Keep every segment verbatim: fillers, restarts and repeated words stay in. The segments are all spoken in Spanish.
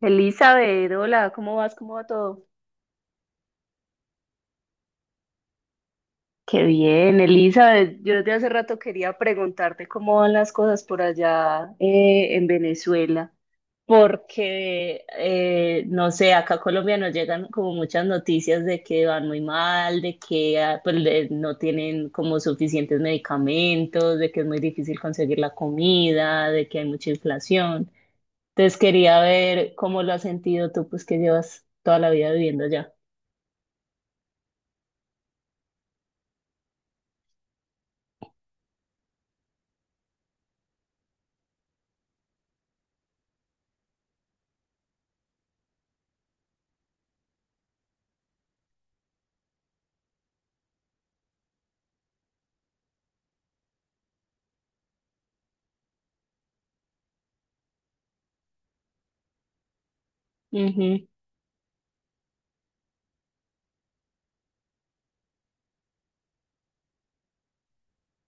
Elizabeth, hola, ¿cómo vas? ¿Cómo va todo? Qué bien, Elizabeth. Yo desde hace rato quería preguntarte cómo van las cosas por allá eh, en Venezuela, porque, eh, no sé, acá a Colombia nos llegan como muchas noticias de que van muy mal, de que ah, pues, le- no tienen como suficientes medicamentos, de que es muy difícil conseguir la comida, de que hay mucha inflación. Entonces quería ver cómo lo has sentido tú, pues que llevas toda la vida viviendo allá.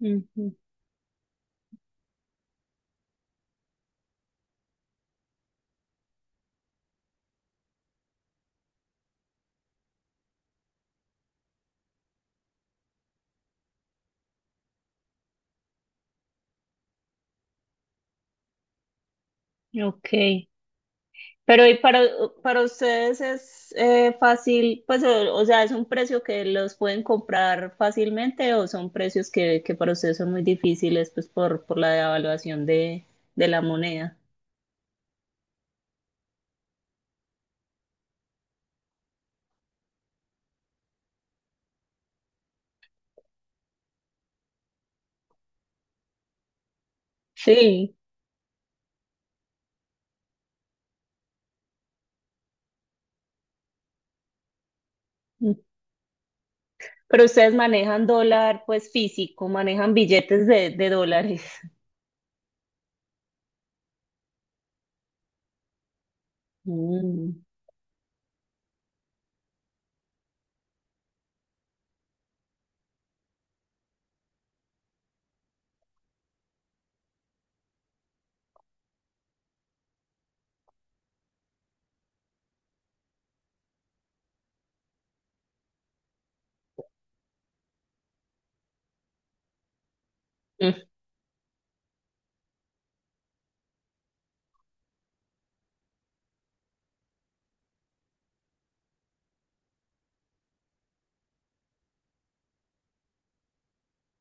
Ujú. Ok, pero y para, para ustedes es eh, fácil, pues o, o sea, es un precio que los pueden comprar fácilmente o son precios que, que para ustedes son muy difíciles pues por, por la devaluación de, de la moneda. Sí. Mm, pero ustedes manejan dólar pues físico, manejan billetes de, de dólares. Mm. Mm.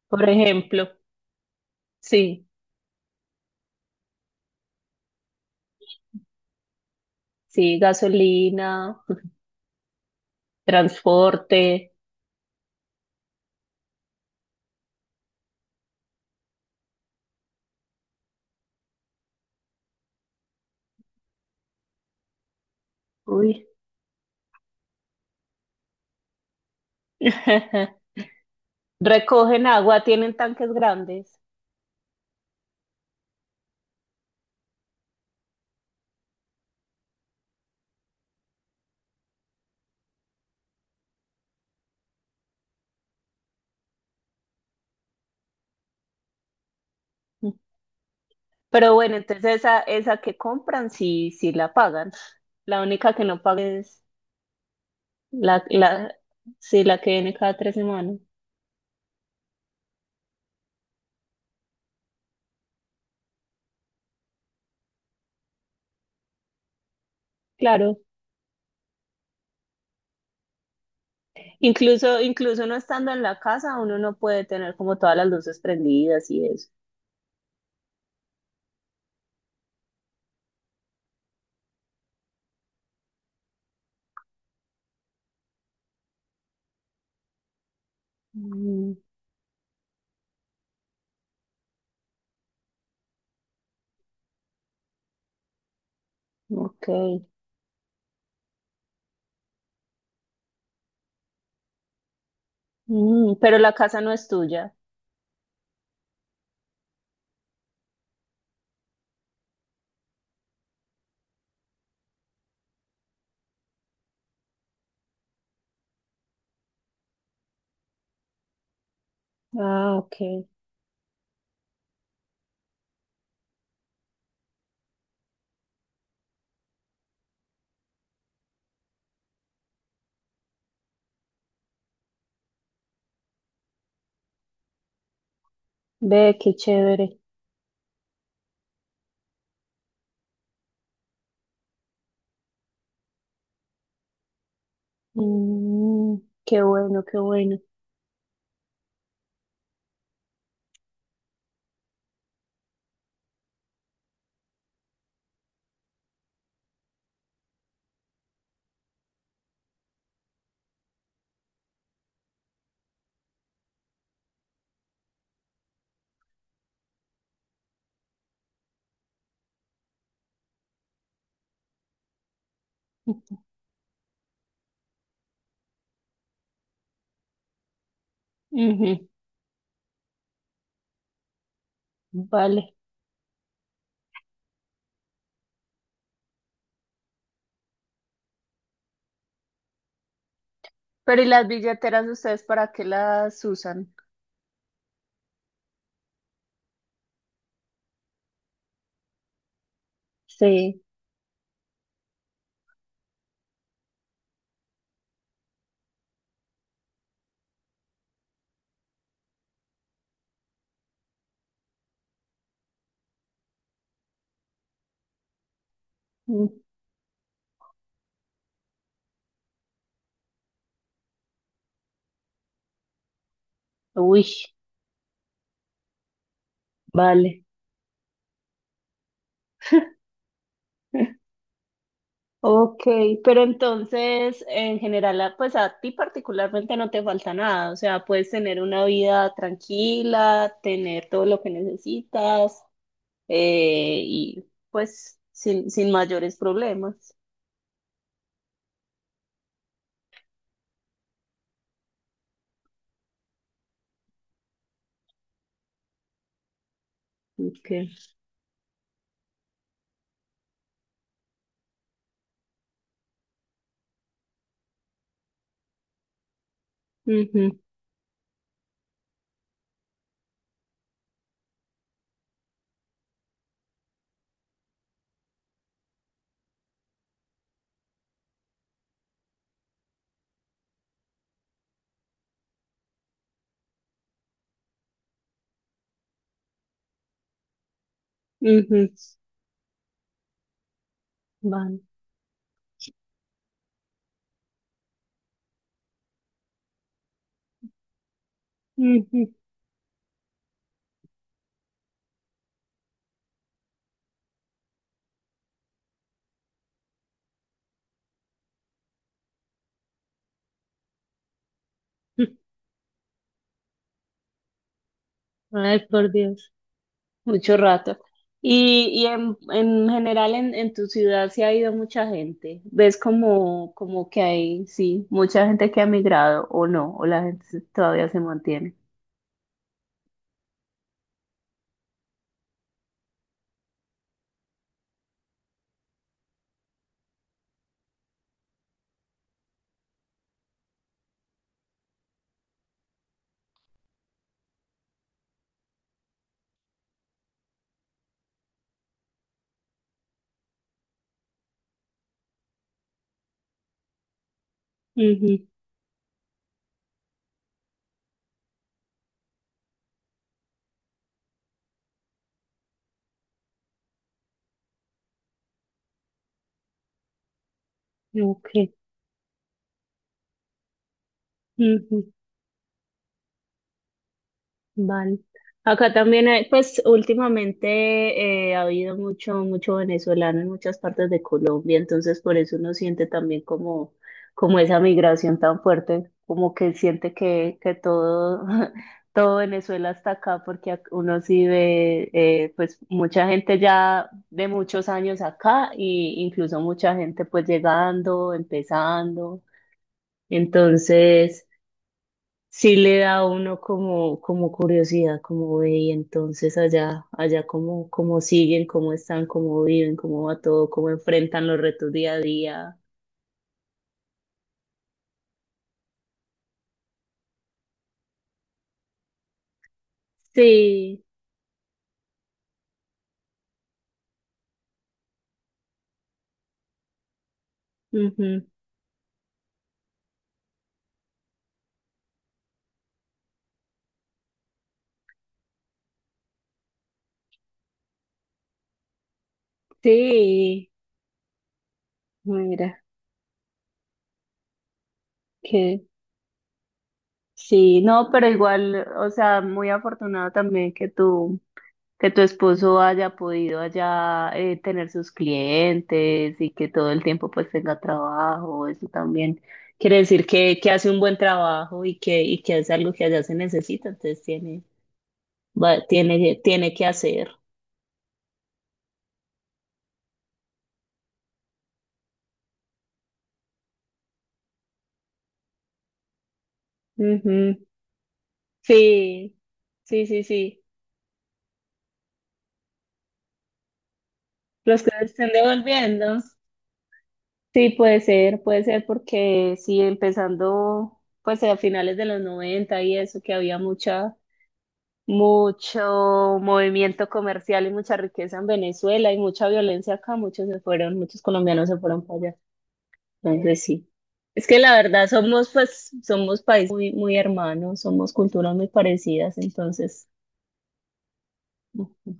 Por ejemplo, sí, sí, gasolina, transporte. Uy. Recogen agua, tienen tanques grandes. Pero bueno, entonces esa, esa que compran sí, sí la pagan. La única que no paga es la, la, sí, la que viene cada tres semanas. Claro. Incluso, incluso no estando en la casa, uno no puede tener como todas las luces prendidas y eso. Mm, ok. Mm, pero la casa no es tuya. Ah, ok. Ve, qué chévere. Mm, qué bueno, qué bueno. Ujú. Vale. Pero ¿y las billeteras ustedes para qué las usan? Sí. Mm. Uy, vale. Ok, pero entonces en general, a- pues a ti particularmente no te falta nada, o sea, puedes tener una vida tranquila, tener todo lo que necesitas eh, y pues sin, sin mayores problemas. Ok. Ujú. Ujú. Vale. Ujú. Ay, por Dios. Mucho rato. Y, y en, en general en, en tu ciudad se ha ido mucha gente. ¿Ves como, como que hay, sí, mucha gente que ha migrado o no? ¿O la gente se- todavía se mantiene? Ujú, ok. Ujú. Vale. Acá también hay, pues últimamente eh, ha habido mucho, mucho venezolano en muchas partes de Colombia, entonces por eso uno siente también como, como esa migración tan fuerte, como que siente que, que todo, todo Venezuela está acá, porque ac- uno sí ve eh, pues mucha gente ya de muchos años acá, e incluso mucha gente pues llegando, empezando. Entonces sí le da a uno como, como curiosidad, como ve, y entonces allá, allá cómo, cómo siguen, cómo están, cómo viven, cómo va todo, cómo enfrentan los retos día a día. Sí, ujú. Sí, mira, que sí, no, pero igual, o sea, muy afortunado también que tú. Que tu esposo haya podido allá eh, tener sus clientes y que todo el tiempo pues tenga trabajo, eso también quiere decir que, que hace un buen trabajo y que, y que hace algo que allá se necesita, entonces tiene, va- tiene, tiene que hacer. Ujú. Sí, sí, sí, sí. Los que se estén devolviendo. Sí, puede ser, puede ser porque sí, empezando pues a finales de los noventa y eso que había mucha mucho movimiento comercial y mucha riqueza en Venezuela y mucha violencia acá, muchos se fueron, muchos colombianos se fueron para allá. Entonces sí. Es que la verdad somos pues, somos países muy, muy hermanos, somos culturas muy parecidas, entonces, ujú.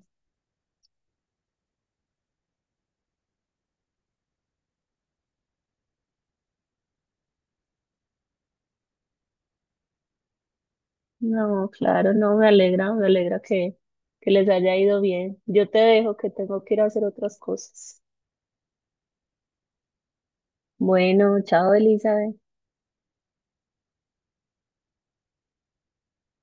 No, claro, no, me alegra, me alegra que, que les haya ido bien. Yo te dejo que tengo que ir a hacer otras cosas. Bueno, chao, Elizabeth.